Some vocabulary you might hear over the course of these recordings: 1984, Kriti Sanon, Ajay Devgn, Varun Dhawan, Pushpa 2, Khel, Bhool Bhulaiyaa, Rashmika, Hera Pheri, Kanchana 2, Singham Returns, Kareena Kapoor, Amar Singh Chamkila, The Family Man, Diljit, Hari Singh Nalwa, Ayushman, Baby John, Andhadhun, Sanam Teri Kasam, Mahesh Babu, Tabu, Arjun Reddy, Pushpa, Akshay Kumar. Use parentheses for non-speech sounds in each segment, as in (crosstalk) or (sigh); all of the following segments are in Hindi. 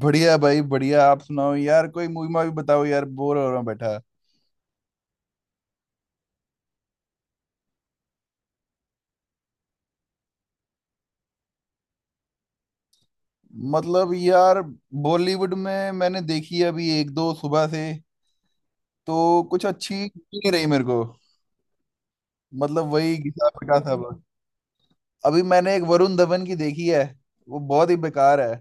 बढ़िया भाई बढ़िया। आप सुनाओ यार, कोई मूवी मावी बताओ यार, बोर हो रहा हूँ बैठा। मतलब यार, बॉलीवुड में मैंने देखी है अभी एक दो सुबह से तो कुछ अच्छी लगी नहीं रही मेरे को। मतलब वही घिसा पिटा सब। अभी मैंने एक वरुण धवन की देखी है, वो बहुत ही बेकार है।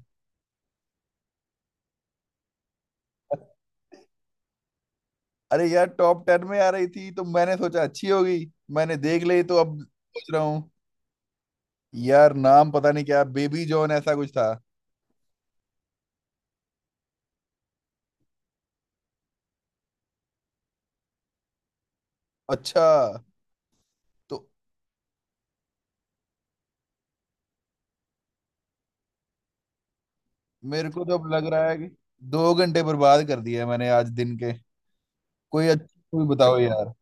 अरे यार, टॉप 10 में आ रही थी तो मैंने सोचा अच्छी होगी, मैंने देख ली, तो अब सोच रहा हूँ। यार नाम पता नहीं, क्या बेबी जॉन ऐसा कुछ था। अच्छा तो। मेरे को तो अब लग रहा है कि 2 घंटे बर्बाद कर दिए मैंने आज दिन के। कोई अच्छी मूवी बताओ यार।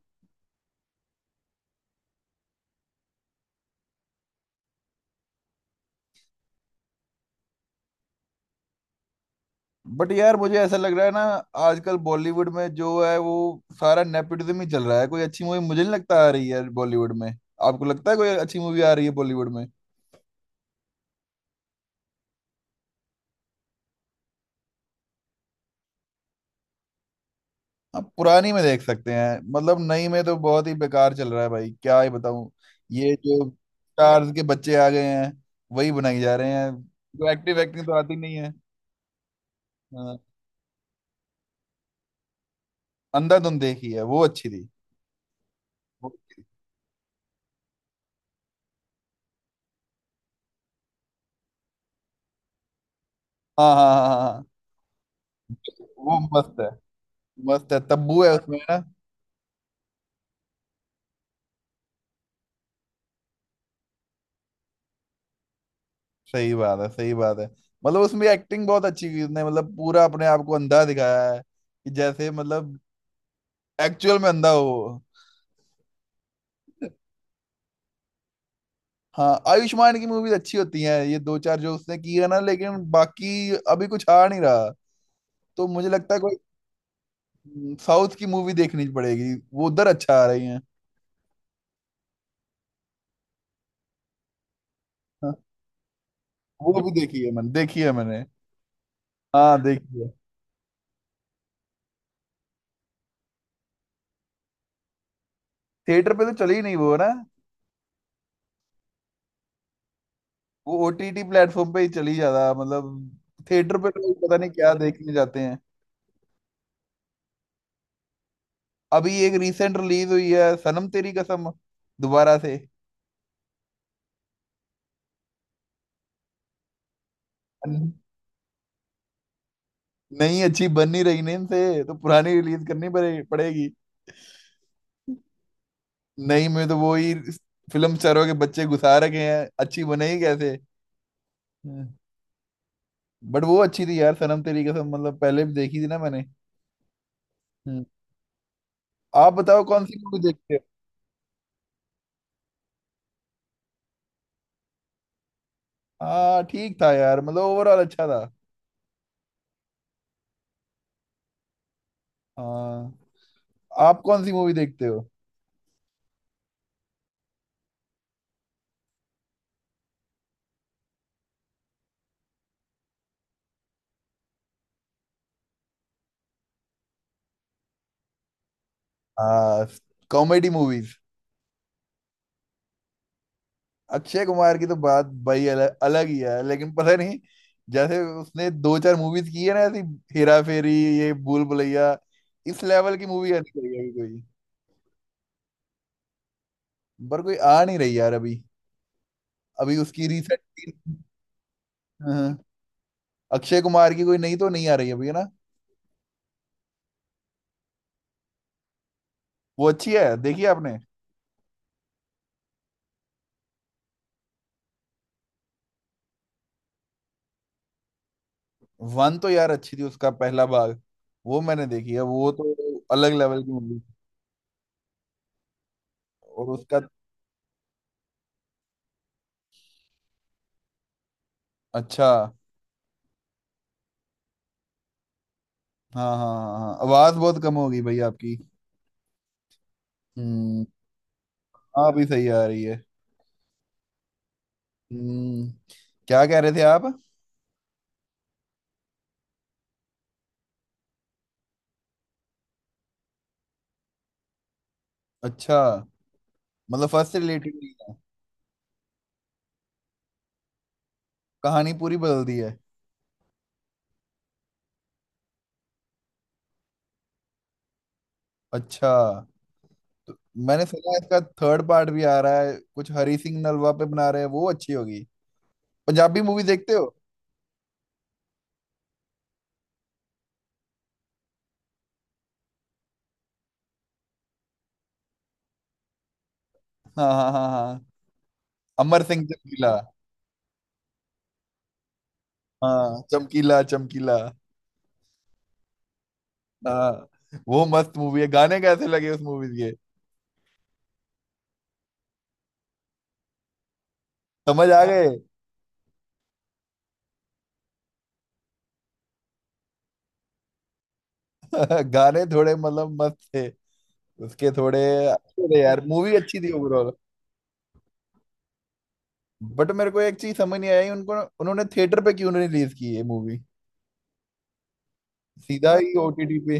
बट यार मुझे ऐसा लग रहा है ना, आजकल बॉलीवुड में जो है वो सारा नेपोटिज्म ही चल रहा है। कोई अच्छी मूवी मुझे नहीं लगता आ रही है बॉलीवुड में। आपको लगता है कोई अच्छी मूवी आ रही है बॉलीवुड में? आप पुरानी में देख सकते हैं, मतलब नई में तो बहुत ही बेकार चल रहा है भाई, क्या ही बताऊं। ये जो स्टार्स के बच्चे आ गए हैं, वही बनाई जा रहे हैं। जो एक्टिव एक्टिंग तो आती नहीं है। हाँ। अंधाधुन देखी है, वो अच्छी थी। हाँ हाँ हाँ हाँ, हाँ। वो मस्त है। मस्त है, तब्बू है उसमें ना। सही बात है, सही बात है। मतलब उसमें एक्टिंग बहुत अच्छी की उसने, मतलब पूरा अपने आप को अंधा दिखाया है कि जैसे मतलब एक्चुअल में अंधा हो वो। हाँ आयुष्मान की मूवीज अच्छी होती हैं, ये 2 4 जो उसने की है ना, लेकिन बाकी अभी कुछ आ नहीं रहा। तो मुझे लगता है कोई साउथ की मूवी देखनी पड़ेगी, वो उधर अच्छा आ रही है। हाँ, वो भी देखी है मैंने। हाँ देखी है। थिएटर पे तो चली नहीं वो ना। वो ओटीटी प्लेटफॉर्म पे ही चली ज्यादा, मतलब थिएटर पे लोग पता नहीं क्या देखने जाते हैं। अभी एक रिसेंट रिलीज हुई है सनम तेरी कसम, दोबारा से। नहीं अच्छी बन नहीं रही ना इनसे, तो पुरानी रिलीज करनी पड़ेगी। नहीं में तो वो ही फिल्म स्टारों के बच्चे घुसा रखे हैं, अच्छी बनेगी कैसे। बट वो अच्छी थी यार सनम तेरी कसम, मतलब पहले भी देखी थी ना मैंने। हम्म। आप बताओ कौन सी मूवी देखते हो? हाँ ठीक था यार, मतलब ओवरऑल अच्छा था। हाँ। आप कौन सी मूवी देखते हो? हाँ कॉमेडी मूवीज। अक्षय कुमार की तो बात भाई अलग ही है, लेकिन पता नहीं। जैसे उसने 2 4 मूवीज की है ना ऐसी, हेरा फेरी, ये भूल भुलैया, इस लेवल की मूवी आनी चाहिए अभी कोई। पर कोई आ नहीं रही यार अभी। अभी उसकी रिसेंट। अक्षय कुमार की कोई नहीं, तो नहीं आ रही अभी है ना। वो अच्छी है, देखी है आपने? वन तो यार अच्छी थी उसका पहला भाग, वो मैंने देखी है, वो तो अलग लेवल की मूवी। और उसका। अच्छा। हाँ हाँ हाँ हाँ आवाज बहुत कम होगी भाई आपकी। हम्म। हाँ अभी सही आ रही है। हम्म, क्या कह रहे थे आप? अच्छा, मतलब फर्स्ट से रिलेटेड नहीं था। कहानी पूरी बदल दी है। अच्छा, मैंने सुना है इसका थर्ड पार्ट भी आ रहा है, कुछ हरी सिंह नलवा पे बना रहे हैं, वो अच्छी होगी। पंजाबी मूवी देखते हो? हाँ हाँ हाँ हाँ, अमर सिंह चमकीला। हाँ, चमकीला चमकीला। हाँ वो मस्त मूवी है। गाने कैसे लगे उस मूवी के? समझ आ गए। (laughs) गाने थोड़े मतलब मस्त थे उसके थोड़े, अच्छे थे यार, मूवी अच्छी थी ओवरऑल। बट मेरे को एक चीज समझ नहीं आई उनको, उन्होंने थिएटर पे क्यों नहीं रिलीज की ये मूवी, सीधा ही ओटीटी पे।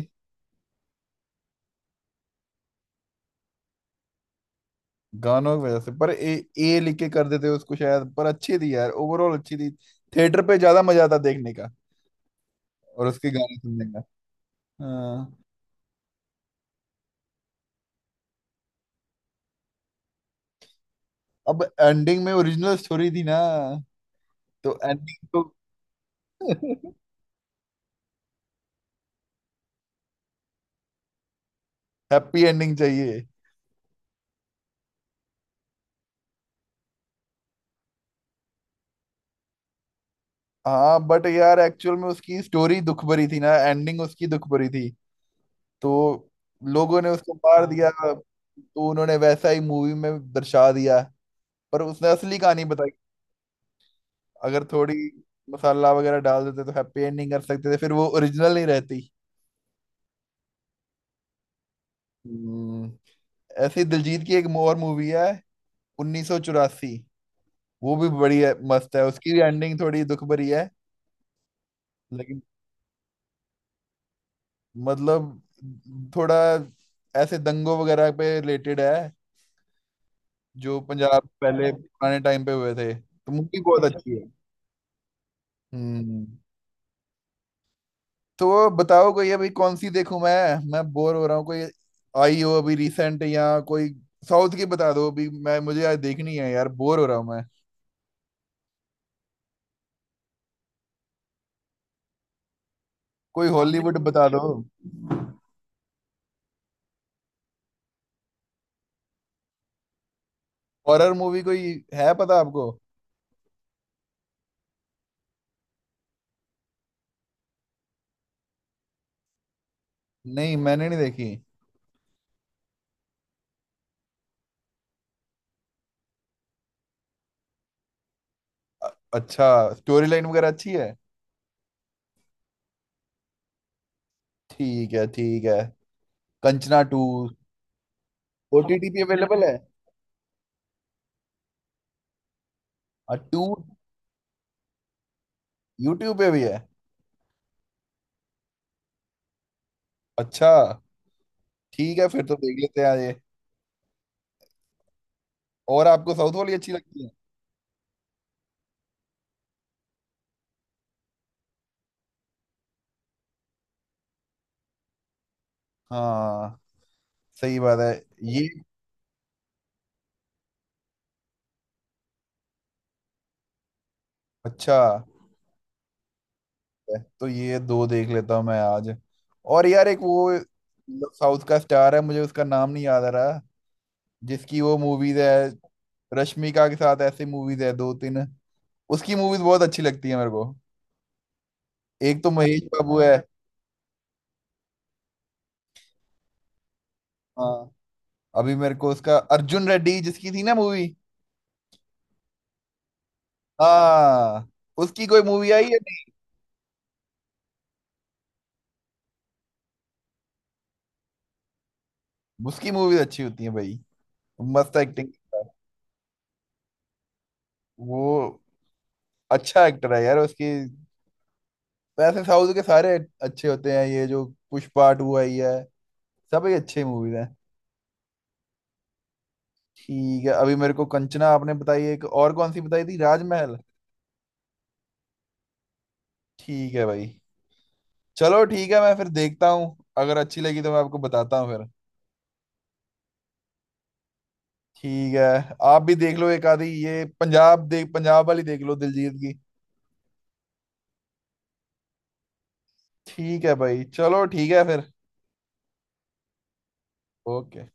गानों की वजह से, पर ए, ए लिख के कर देते उसको शायद, पर अच्छी थी यार, ओवरऑल अच्छी थी। थिएटर पे ज्यादा मजा आता देखने का और उसके गाने सुनने का। हाँ। अब एंडिंग में ओरिजिनल स्टोरी थी ना, तो एंडिंग तो। (laughs) हैप्पी एंडिंग चाहिए। हाँ बट यार एक्चुअल में उसकी स्टोरी दुख भरी थी ना, एंडिंग उसकी दुख भरी थी, तो लोगों ने उसको मार दिया, तो उन्होंने वैसा ही मूवी में दर्शा दिया। पर उसने असली कहानी बताई। अगर थोड़ी मसाला वगैरह डाल देते तो हैप्पी एंडिंग कर सकते थे, फिर वो ओरिजिनल नहीं रहती। हम्म, ऐसे ही दिलजीत की एक और मूवी है 1984, वो भी बड़ी है, मस्त है, उसकी भी एंडिंग थोड़ी दुख भरी है। लेकिन मतलब थोड़ा ऐसे दंगों वगैरह पे रिलेटेड है, जो पंजाब पहले पुराने टाइम पे हुए थे, तो मूवी बहुत अच्छी है। हम्म। तो बताओ कोई अभी कौन सी देखूं मैं बोर हो रहा हूँ, कोई आई हो अभी रिसेंट या कोई साउथ की बता दो अभी, मैं मुझे यार देखनी है यार, बोर हो रहा हूँ मैं। कोई हॉलीवुड बता दो। हॉरर मूवी कोई है पता आपको? नहीं मैंने नहीं देखी। अ- अच्छा, स्टोरी लाइन वगैरह अच्छी है? ठीक है ठीक है। कंचना 2। ओटीटी पे अवेलेबल है? टू। यूट्यूब पे भी है? अच्छा, ठीक है फिर तो देख लेते हैं ये। और आपको साउथ वाली अच्छी लगती है? हाँ सही बात है। ये। अच्छा तो ये दो देख लेता हूँ मैं आज। और यार एक वो साउथ का स्टार है, मुझे उसका नाम नहीं याद आ रहा, जिसकी वो मूवीज है, रश्मिका के साथ ऐसी मूवीज है 2 3, उसकी मूवीज बहुत अच्छी लगती है मेरे को। एक तो महेश बाबू है। हाँ। अभी मेरे को उसका अर्जुन रेड्डी जिसकी थी ना मूवी। हाँ, उसकी कोई मूवी आई है नहीं? उसकी मूवीज अच्छी होती है भाई, मस्त एक्टिंग। वो अच्छा एक्टर है यार, उसकी। वैसे साउथ के सारे अच्छे होते हैं। ये जो पुष्पा 2 आई है, सब ही अच्छी मूवीज हैं। ठीक है, अभी मेरे को कंचना आपने बताई, एक और कौन सी बताई थी, राजमहल। ठीक है भाई, चलो ठीक है, मैं फिर देखता हूँ, अगर अच्छी लगी तो मैं आपको बताता हूँ फिर। ठीक है। आप भी देख लो एक आधी, ये पंजाब देख, पंजाब वाली देख लो दिलजीत की। ठीक है भाई, चलो ठीक है फिर। ओके।